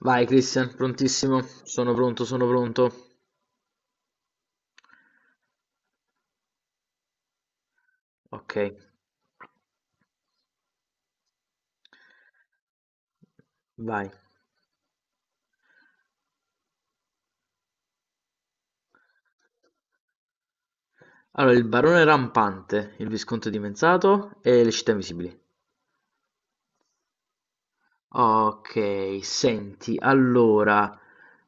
Vai Christian, prontissimo? Sono pronto, sono pronto. Ok, vai. Allora, il barone rampante, il visconte dimenzato e le città invisibili. Ok, senti, allora,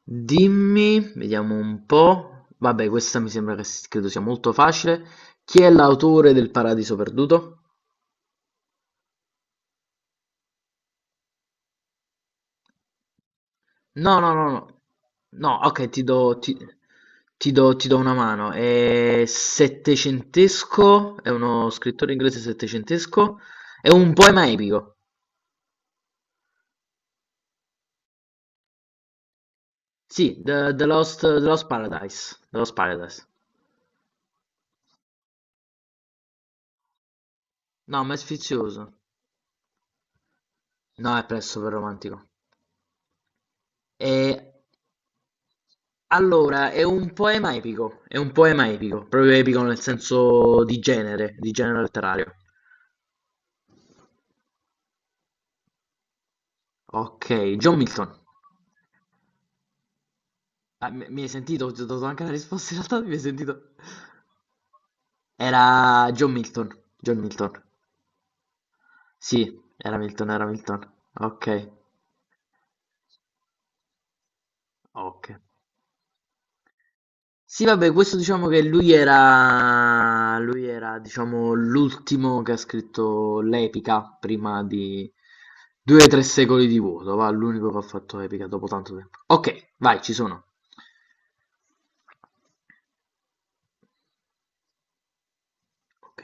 dimmi, vediamo un po'. Vabbè, questa mi sembra credo sia molto facile. Chi è l'autore del Paradiso Perduto? No, no, no, no. No, ok, ti do una mano. È settecentesco, è uno scrittore inglese settecentesco, è un poema epico. Sì, The Lost Paradise. The Lost Paradise. No, ma è sfizioso. No, è presto per romantico. E allora, è un poema epico, è un poema epico, proprio epico nel senso di genere letterario. Ok, John Milton. Ah, mi hai sentito? Ti ho dato anche la risposta in realtà, mi hai sentito? Era John Milton, John Milton. Sì, era Milton, era Milton. Ok, ok. Sì, vabbè, questo diciamo che lui era, diciamo, l'ultimo che ha scritto l'epica prima di due o tre secoli di vuoto, va, l'unico che ha fatto epica dopo tanto tempo. Ok, vai, ci sono. Ok.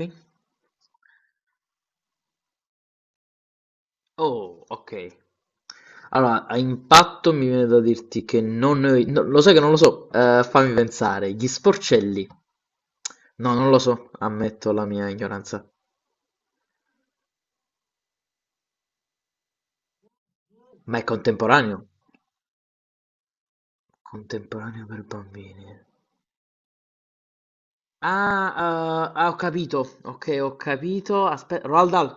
Oh, ok. Allora, a impatto mi viene da dirti che non... ne ho- no, lo sai che non lo so. Fammi pensare, gli sporcelli. No, non lo so, ammetto la mia ignoranza. Ma è contemporaneo? Contemporaneo per bambini. Ah, ah, ho capito, ok, ho capito, aspetta, Roald Dahl.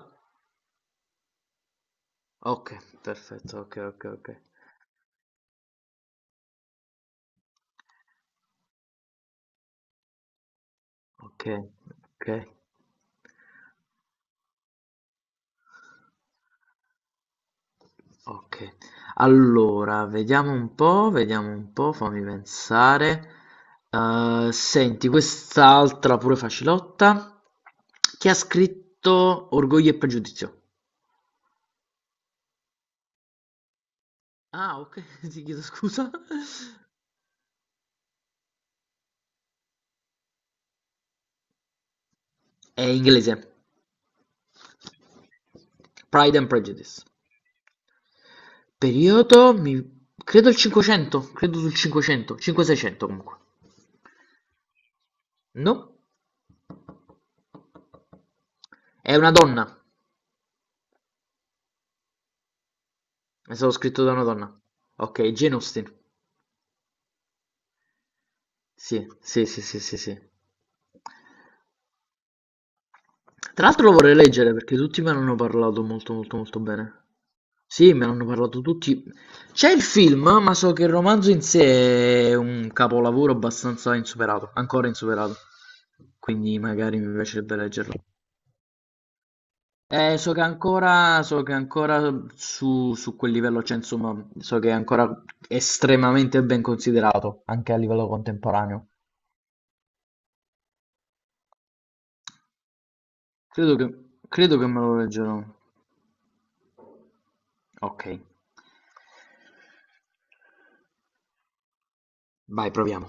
Ok, perfetto, ok, ok, ok. Ok, ok. Okay. Allora, vediamo un po', fammi pensare. Senti, quest'altra pure facilotta. Chi ha scritto Orgoglio e Pregiudizio? Ah, ok, ti chiedo scusa. È inglese. Pride and Prejudice. Periodo, credo il 500, credo sul 500, 500-600 comunque. No? È una donna. È stato scritto da una donna. Ok, Jane Austen. Sì, sì, sì, sì, sì, sì. Tra l'altro lo vorrei leggere perché tutti me ne hanno parlato molto molto molto bene. Sì, me ne hanno parlato tutti. C'è il film, ma so che il romanzo in sé è un capolavoro abbastanza insuperato, ancora insuperato. Quindi magari mi piacerebbe leggerlo. So che ancora su quel livello c'è, insomma, so che è ancora estremamente ben considerato, anche a livello contemporaneo. Credo che, credo che me lo leggerò. Ok. Vai, proviamo.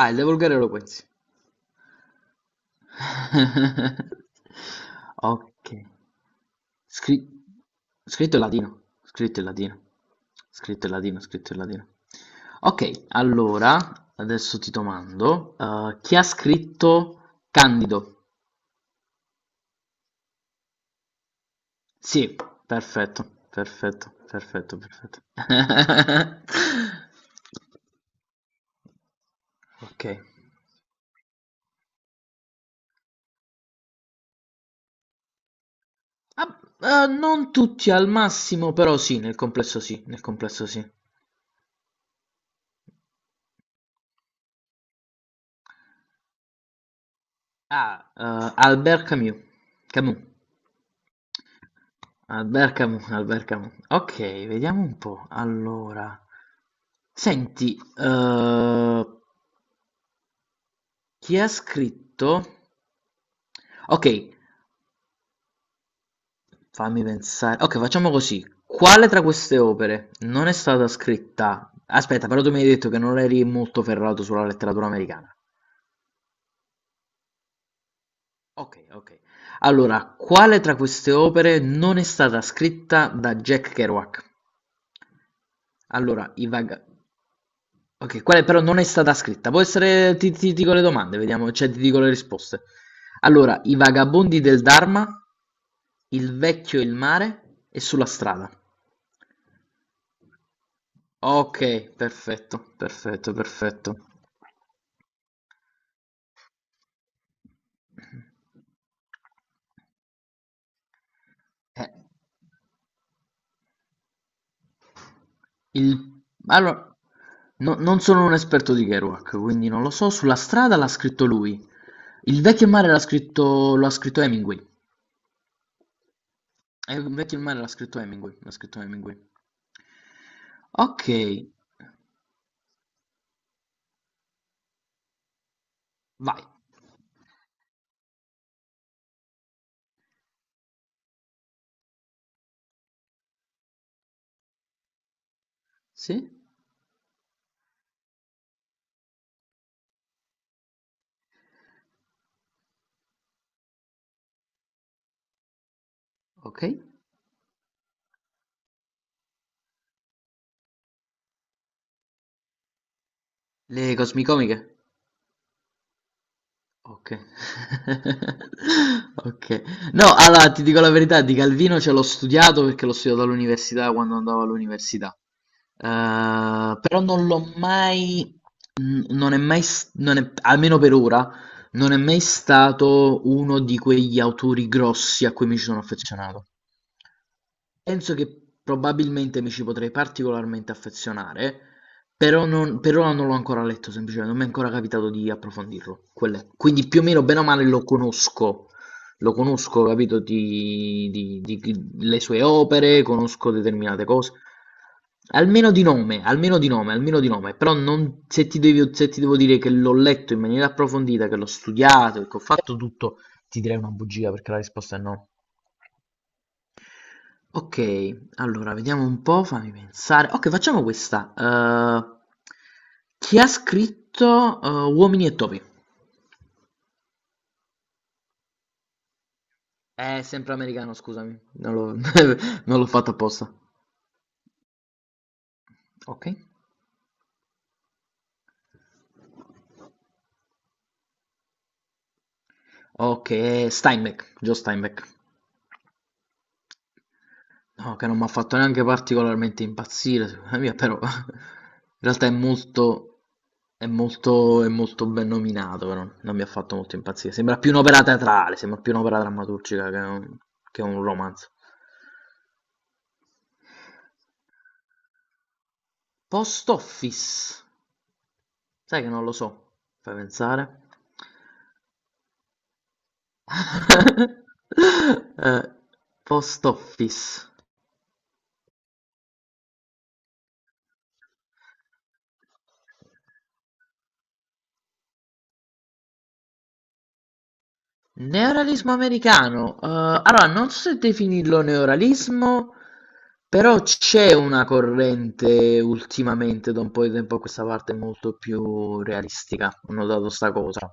Ah, il De Volgare Eloquenzi. Ok. Scri- Scritto in latino. Scritto in latino. Scritto in latino, scritto in latino. Ok, allora, adesso ti domando, chi ha scritto Candido? Sì, perfetto, perfetto, perfetto, perfetto. Ok. Ah, non tutti al massimo, però sì, nel complesso sì, nel complesso sì. Ah, Albert Camus. Camus. Albert Camus, Albert Camus. Ok, vediamo un po'. Allora, senti, chi ha scritto? Ok, fammi pensare. Ok, facciamo così. Quale tra queste opere non è stata scritta? Aspetta, però tu mi hai detto che non eri molto ferrato sulla letteratura americana. Ok, ok. Allora, quale tra queste opere non è stata scritta da Jack Kerouac? Allora, ok, quale però non è stata scritta. Può essere... Ti dico le domande, vediamo, cioè ti dico le risposte. Allora, i vagabondi del Dharma, il vecchio e il mare e sulla strada. Ok, perfetto, perfetto, perfetto. Eh, il... Allora, non sono un esperto di Kerouac, quindi non lo so. Sulla strada l'ha scritto lui. Il vecchio e il mare lo ha scritto Hemingway. Il vecchio e il mare l'ha scritto Hemingway, l'ha scritto Hemingway. Ok, vai. Sì? Ok. Le cosmicomiche? Ok. Ok. No, allora ti dico la verità, di Calvino ce l'ho studiato perché l'ho studiato all'università quando andavo all'università. Però non l'ho mai, non è mai, s- non è- almeno per ora, non è mai stato uno di quegli autori grossi a cui mi ci sono affezionato. Penso che probabilmente mi ci potrei particolarmente affezionare, però non, per ora non l'ho ancora letto, semplicemente non mi è ancora capitato di approfondirlo. Quello è. Quindi più o meno bene o male lo conosco, capito, le sue opere, conosco determinate cose. Almeno di nome, almeno di nome, almeno di nome, però se ti devo dire che l'ho letto in maniera approfondita, che l'ho studiato, che ho fatto tutto, ti direi una bugia perché la risposta è no. Ok, allora vediamo un po', fammi pensare. Ok, facciamo questa. Chi ha scritto Uomini e topi? È sempre americano, scusami. Non l'ho non l'ho fatto apposta. Ok. Ok, Steinbeck, Joe Steinbeck. No, che non mi ha fatto neanche particolarmente impazzire, secondo me, però in realtà è molto ben nominato, però non mi ha fatto molto impazzire. Sembra più un'opera teatrale, sembra più un'opera drammaturgica che un romanzo. Post Office? Sai che non lo so, fai pensare. Eh, Post Office. Neorealismo americano. Allora, non so se definirlo neorealismo, però c'è una corrente ultimamente, da un po' di tempo a questa parte, molto più realistica. Ho notato sta cosa.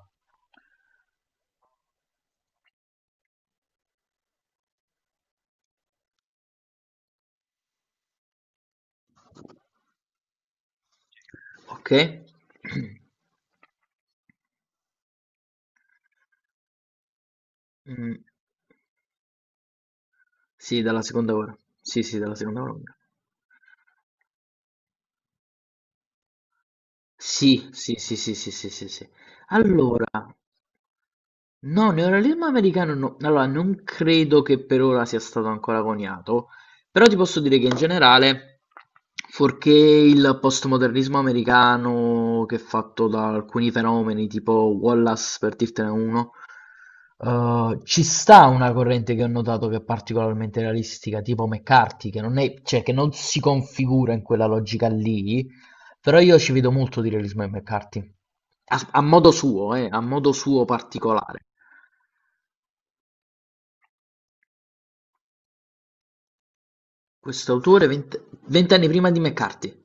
Ok? Mm. Sì, dalla seconda ora. Sì, sì, dalla seconda ora. Sì, sì, sì, sì, sì, sì, sì, sì. Allora. No, neorealismo americano no. Allora, non credo che per ora sia stato ancora coniato, però ti posso dire che in generale, fuorché il postmodernismo americano che è fatto da alcuni fenomeni tipo Wallace, per dirtene uno, ci sta una corrente che ho notato che è particolarmente realistica, tipo McCarthy, che non è, cioè, che non si configura in quella logica lì, però io ci vedo molto di realismo in McCarthy. A modo suo, a modo suo particolare. Quest'autore vent'anni prima di McCarthy,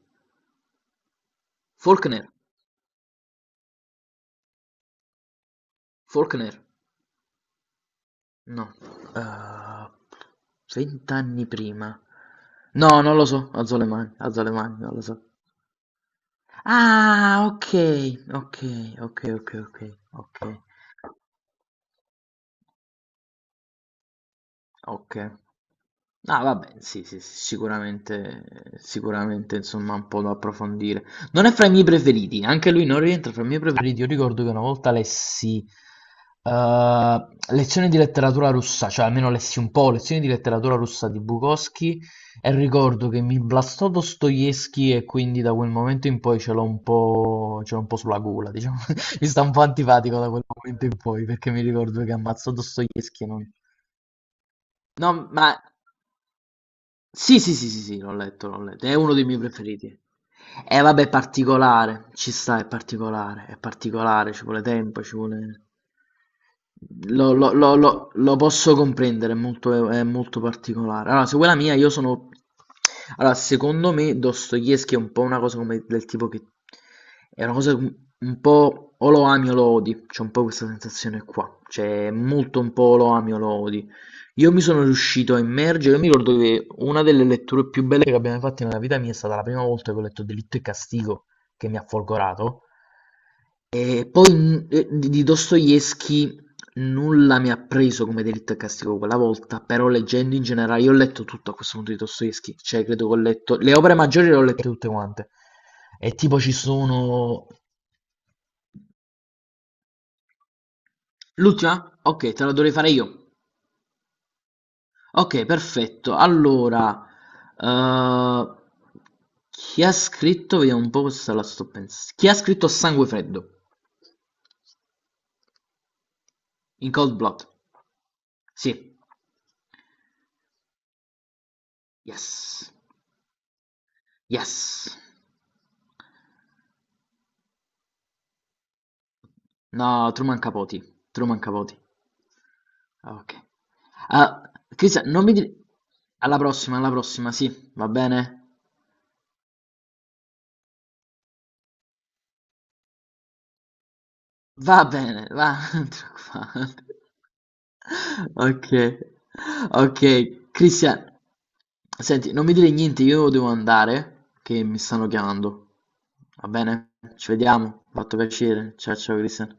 Faulkner, Faulkner, no, eh, vent'anni prima, no, non lo so, alzo le mani, non lo so. Ah, ok, ok, ok, ok, ok, ok. Okay. Ah vabbè, sì, sì, sì, sicuramente sicuramente insomma un po' da approfondire. Non è fra i miei preferiti, anche lui non rientra fra i miei preferiti. Io ricordo che una volta lessi, lezioni di letteratura russa, cioè almeno lessi un po', lezioni di letteratura russa di Bukowski e ricordo che mi blastò Dostoevskij e quindi da quel momento in poi ce l'ho un po' sulla gola diciamo. Mi sta un po' antipatico da quel momento in poi, perché mi ricordo che ammazzò Dostoevskij e non. No, ma sì, sì, sì, sì, sì, l'ho letto, l'ho letto. È uno dei miei preferiti. Eh vabbè, è particolare, ci sta, è particolare, ci vuole tempo, ci vuole... Lo posso comprendere, è molto particolare. Allora, se vuoi la mia, io sono... Allora, secondo me Dostoevsky è un po' una cosa come del tipo che... È una cosa un po' o lo ami o lo odi, c'è un po' questa sensazione qua. Cioè, molto un po' o lo ami o lo odi. Io mi sono riuscito a immergere, io mi ricordo che una delle letture più belle che abbiamo fatto nella vita mia è stata la prima volta che ho letto Delitto e Castigo, che mi ha folgorato, e poi di Dostoevsky nulla mi ha preso come Delitto e Castigo quella volta, però leggendo in generale, io ho letto tutto a questo punto di Dostoevsky, cioè credo che ho letto, le opere maggiori le ho lette tutte quante, e tipo ci sono... L'ultima? Ok, te la dovrei fare io. Ok, perfetto. Allora, eh, chi ha scritto, vediamo un po' questa la sto pensando. Chi ha scritto Sangue Freddo? In Cold Blood. Sì. Yes. Yes. No, Truman Capote. Truman Capote. Ah, ok. Ah, Cristian, non mi dire... alla prossima, sì, va bene? Va bene, va, non ti preoccupare. Ok, ok, Cristian, senti, non mi dire niente, io devo andare, che mi stanno chiamando. Va bene? Ci vediamo, fatto piacere. Ciao ciao Cristian.